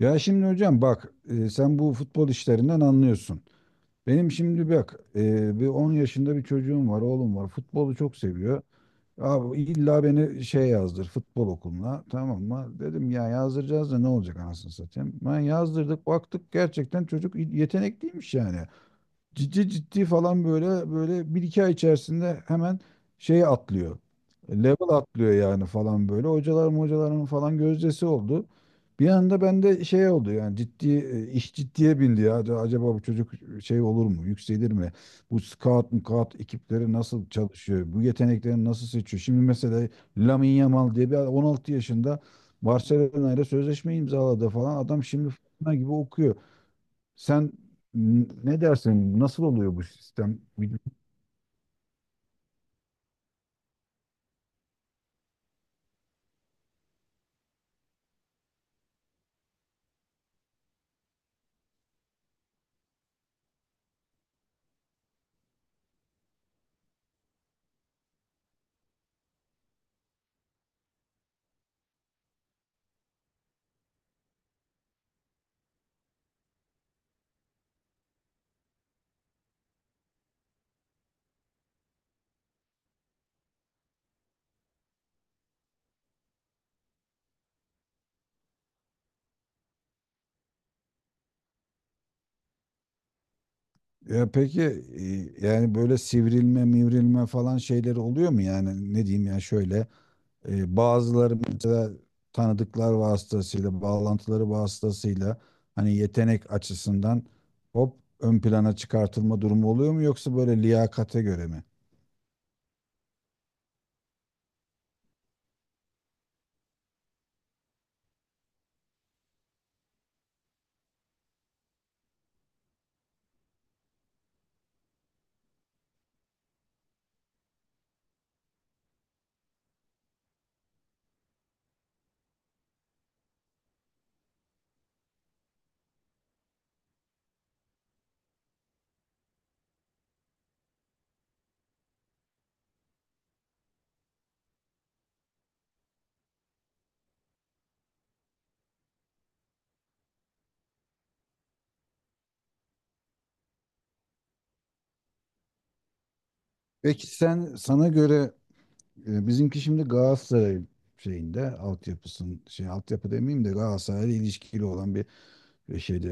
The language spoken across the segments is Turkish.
Ya şimdi hocam bak, sen bu futbol işlerinden anlıyorsun. Benim şimdi bak, bir 10 yaşında bir çocuğum var, oğlum var. Futbolu çok seviyor. Abi illa beni şey yazdır futbol okuluna, tamam mı? Dedim ya yazdıracağız da ne olacak anasını satayım. Ben yazdırdık baktık gerçekten çocuk yetenekliymiş yani ciddi ciddi falan böyle böyle bir iki ay içerisinde hemen şey atlıyor. Level atlıyor yani falan böyle. Hocalarım hocalarım falan gözdesi oldu. Bir anda bende şey oldu yani ciddi, iş ciddiye bindi ya. Acaba bu çocuk şey olur mu? Yükselir mi? Bu scout mukat ekipleri nasıl çalışıyor? Bu yetenekleri nasıl seçiyor? Şimdi mesela Lamine Yamal diye bir adam 16 yaşında Barcelona ile sözleşme imzaladı falan. Adam şimdi fırtına gibi okuyor. Sen ne dersin? Nasıl oluyor bu sistem? Bil- Ya peki, yani böyle sivrilme, mivrilme falan şeyleri oluyor mu yani ne diyeyim ya şöyle. Bazıları mesela tanıdıklar vasıtasıyla, bağlantıları vasıtasıyla hani yetenek açısından hop ön plana çıkartılma durumu oluyor mu, yoksa böyle liyakate göre mi? Peki sen sana göre, bizimki şimdi Galatasaray şeyinde altyapısın şey altyapı demeyeyim de Galatasaray'la ilişkili olan bir, şeyde,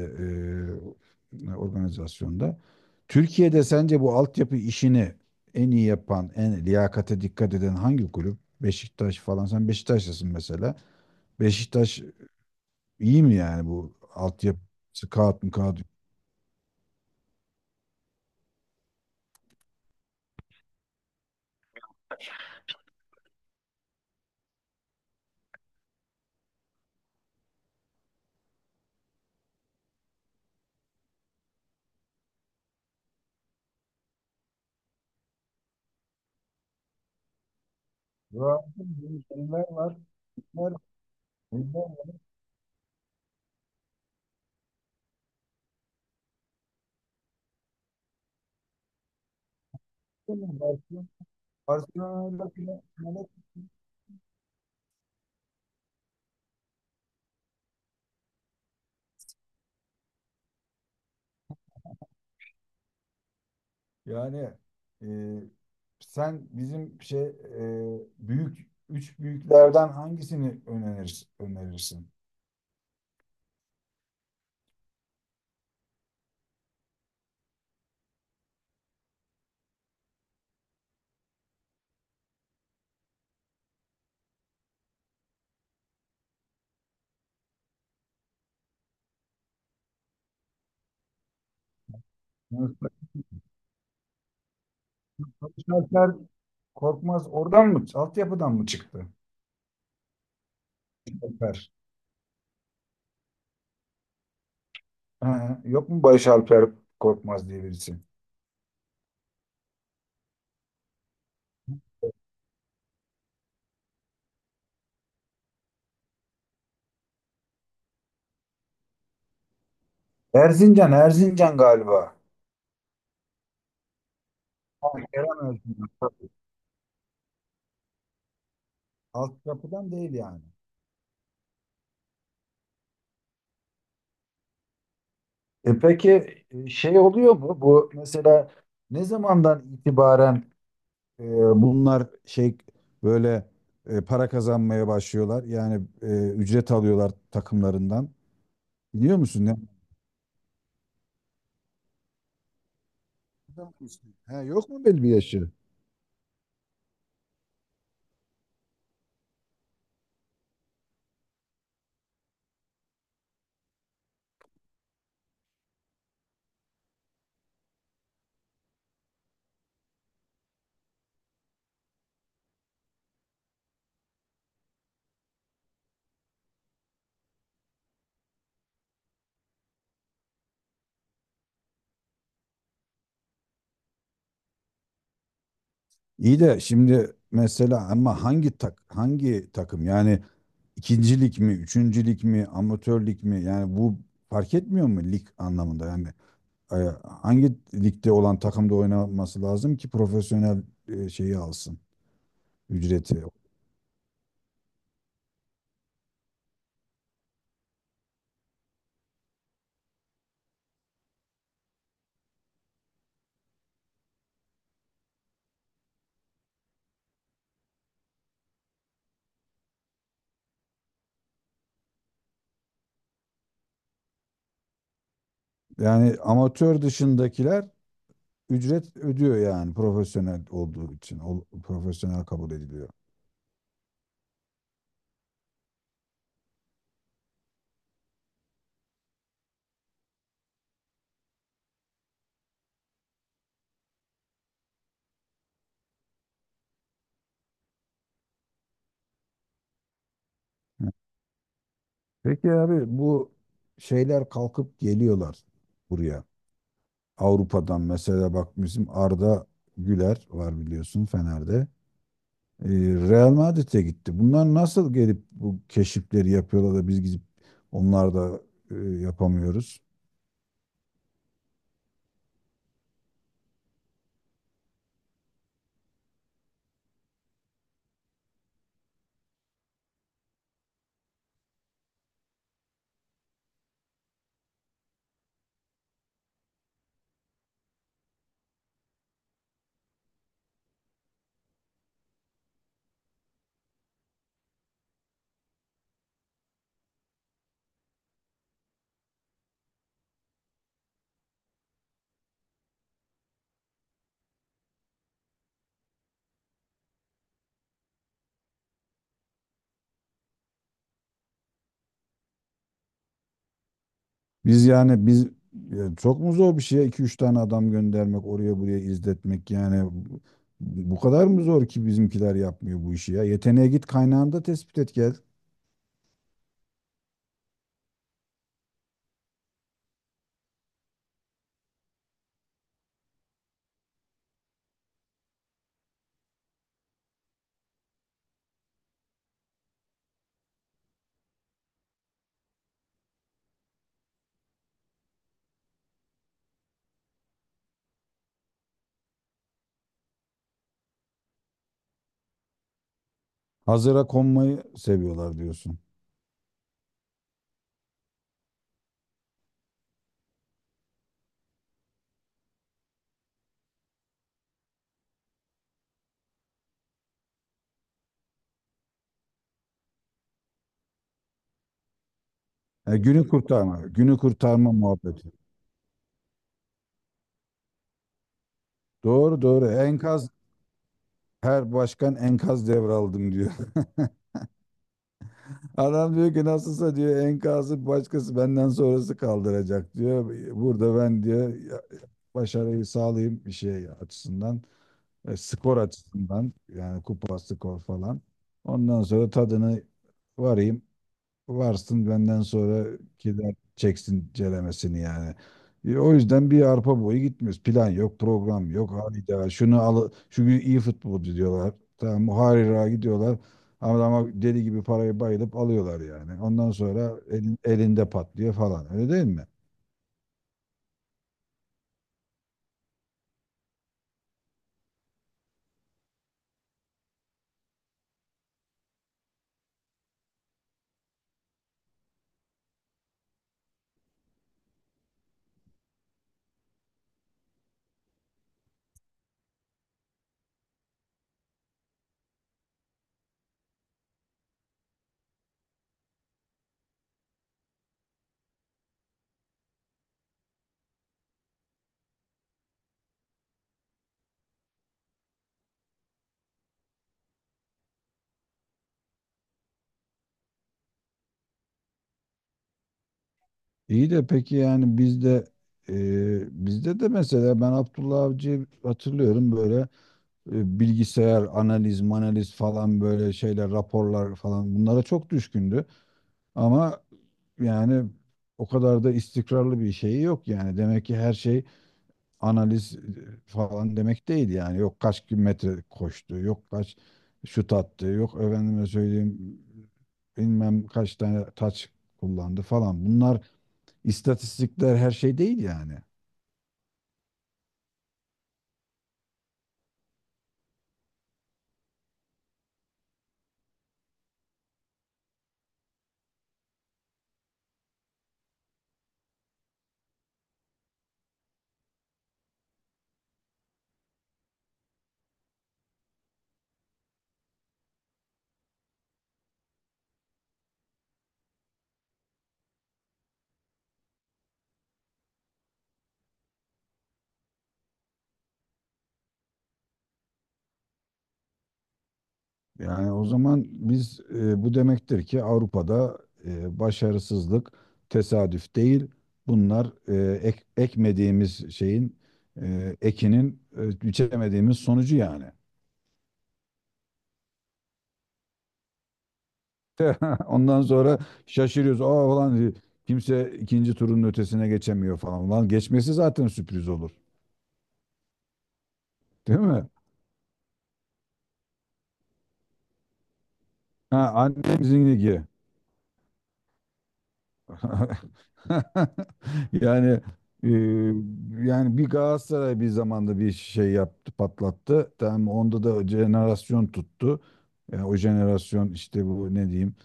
organizasyonda. Türkiye'de sence bu altyapı işini en iyi yapan, en liyakate dikkat eden hangi kulüp? Beşiktaş falan. Sen Beşiktaşlısın mesela. Beşiktaş iyi mi yani, bu altyapısı kağıt mı kağıt? Var, yeniler var. Var. Yeniler var. Barcelona- Barcelona'yla bile- Yani, e, sen bizim şey, büyük üç büyüklerden hangisini önerirsin? Yani Salih Korkmaz oradan mı? Altyapıdan mı çıktı? Alper. Ha, yok mu Barış Alper Korkmaz diye birisi? Erzincan, Erzincan galiba. Ha, Kerem Erzincan. Tabii. Altyapıdan değil yani. E peki, şey oluyor mu? Bu mesela ne zamandan itibaren, e, bunlar şey böyle, para kazanmaya başlıyorlar? Yani ücret alıyorlar takımlarından. Biliyor musun ne? He, yok mu belli bir yaşı? İyi de şimdi mesela ama hangi takım yani, ikincilik mi, üçüncülük mi, amatörlük mi? Yani bu fark etmiyor mu lig anlamında? Yani, e, hangi ligde olan takımda oynaması lazım ki profesyonel şeyi alsın ücreti. Yani amatör dışındakiler ücret ödüyor yani, profesyonel olduğu için o, profesyonel kabul ediliyor. Peki abi, bu şeyler kalkıp geliyorlar buraya. Avrupa'dan mesela bak, bizim Arda Güler var biliyorsun, Fener'de. Ee, Real Madrid'e gitti. Bunlar nasıl gelip bu keşifleri yapıyorlar da biz gidip onlar da yapamıyoruz. Biz yani biz yani, çok mu zor bir şey iki üç tane adam göndermek oraya buraya, izletmek yani? Bu kadar mı zor ki bizimkiler yapmıyor bu işi ya? Yeteneğe git, kaynağında tespit et, gel. Hazıra konmayı seviyorlar diyorsun. Günü kurtarma, günü kurtarma muhabbeti. Doğru doğru. Her başkan enkaz devraldım diyor. Adam diyor ki nasılsa diyor, enkazı başkası benden sonrası kaldıracak diyor. Burada ben, diyor, ya- başarıyı sağlayayım bir şey açısından, skor açısından yani, kupa skor falan. Ondan sonra tadını varayım. Varsın benden sonra gider çeksin celemesini yani. O yüzden bir arpa boyu gitmiyoruz. Plan yok, program yok. Hayda şunu al, şu gün iyi futbolcu diyorlar. Tamam harira gidiyorlar. Ama deli gibi parayı bayılıp alıyorlar yani. Ondan sonra elinde patlıyor falan. Öyle değil mi? İyi de peki yani bizde de mesela ben Abdullah Avcı'yı hatırlıyorum böyle, bilgisayar analiz manaliz falan, böyle şeyler raporlar falan, bunlara çok düşkündü. Ama yani o kadar da istikrarlı bir şeyi yok yani. Demek ki her şey analiz falan demek değil yani. Yok kaç kilometre koştu, yok kaç şut attı, yok efendime söyleyeyim bilmem kaç tane taç kullandı falan. Bunlar istatistikler, her şey değil yani. Yani o zaman biz, bu demektir ki Avrupa'da, başarısızlık tesadüf değil. Bunlar ekmediğimiz şeyin, ekinin, biçemediğimiz sonucu yani. Ondan sonra şaşırıyoruz. Aa ulan, kimse ikinci turun ötesine geçemiyor falan. Ulan, geçmesi zaten sürpriz olur. Değil mi? Ha, annemizin ligi. Yani e, yani bir Galatasaray bir zamanda bir şey yaptı, patlattı. Tamam, onda da jenerasyon tuttu. Yani o jenerasyon işte bu ne diyeyim,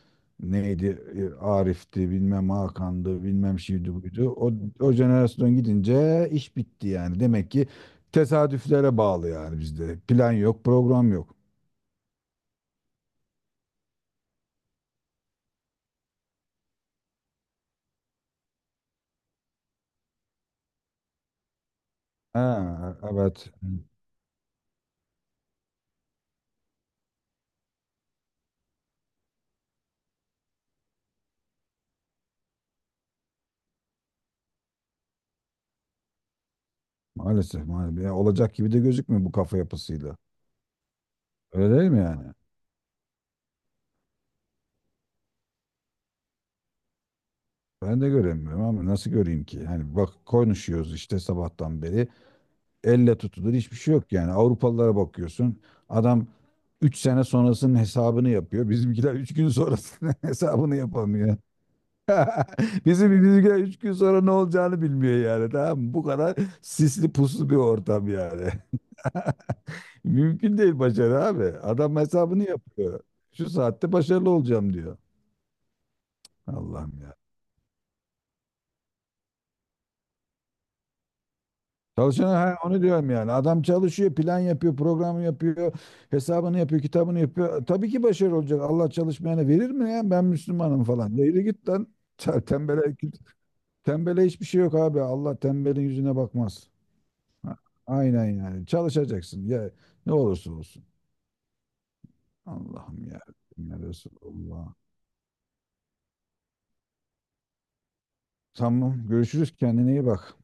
neydi, Arif'ti bilmem, Hakan'dı bilmem, şuydu buydu. O jenerasyon gidince iş bitti yani. Demek ki tesadüflere bağlı yani bizde. Plan yok, program yok. Ha, evet. Maalesef, maalesef. Yani olacak gibi de gözükmüyor bu kafa yapısıyla. Öyle değil mi yani? Ben de göremiyorum, ama nasıl göreyim ki? Hani bak, konuşuyoruz işte sabahtan beri. Elle tutulur hiçbir şey yok yani. Avrupalılara bakıyorsun. Adam 3 sene sonrasının hesabını yapıyor. Bizimkiler 3 gün sonrasının hesabını yapamıyor. Bizimkiler 3 gün sonra ne olacağını bilmiyor yani. Tamam mı? Bu kadar sisli puslu bir ortam yani. Mümkün değil başarı abi. Adam hesabını yapıyor. Şu saatte başarılı olacağım diyor. Allah'ım ya. Çalışan, ha, onu diyorum yani. Adam çalışıyor, plan yapıyor, program yapıyor, hesabını yapıyor, kitabını yapıyor. Tabii ki başarılı olacak. Allah çalışmayana verir mi ya? Ben Müslümanım falan. Yürü git lan. Tembele, tembele hiçbir şey yok abi. Allah tembelin yüzüne bakmaz. Ha, aynen yani. Çalışacaksın. Ya, ne olursa olsun. Allah'ım ya. Ya Resulallah. Tamam. Görüşürüz. Kendine iyi bak.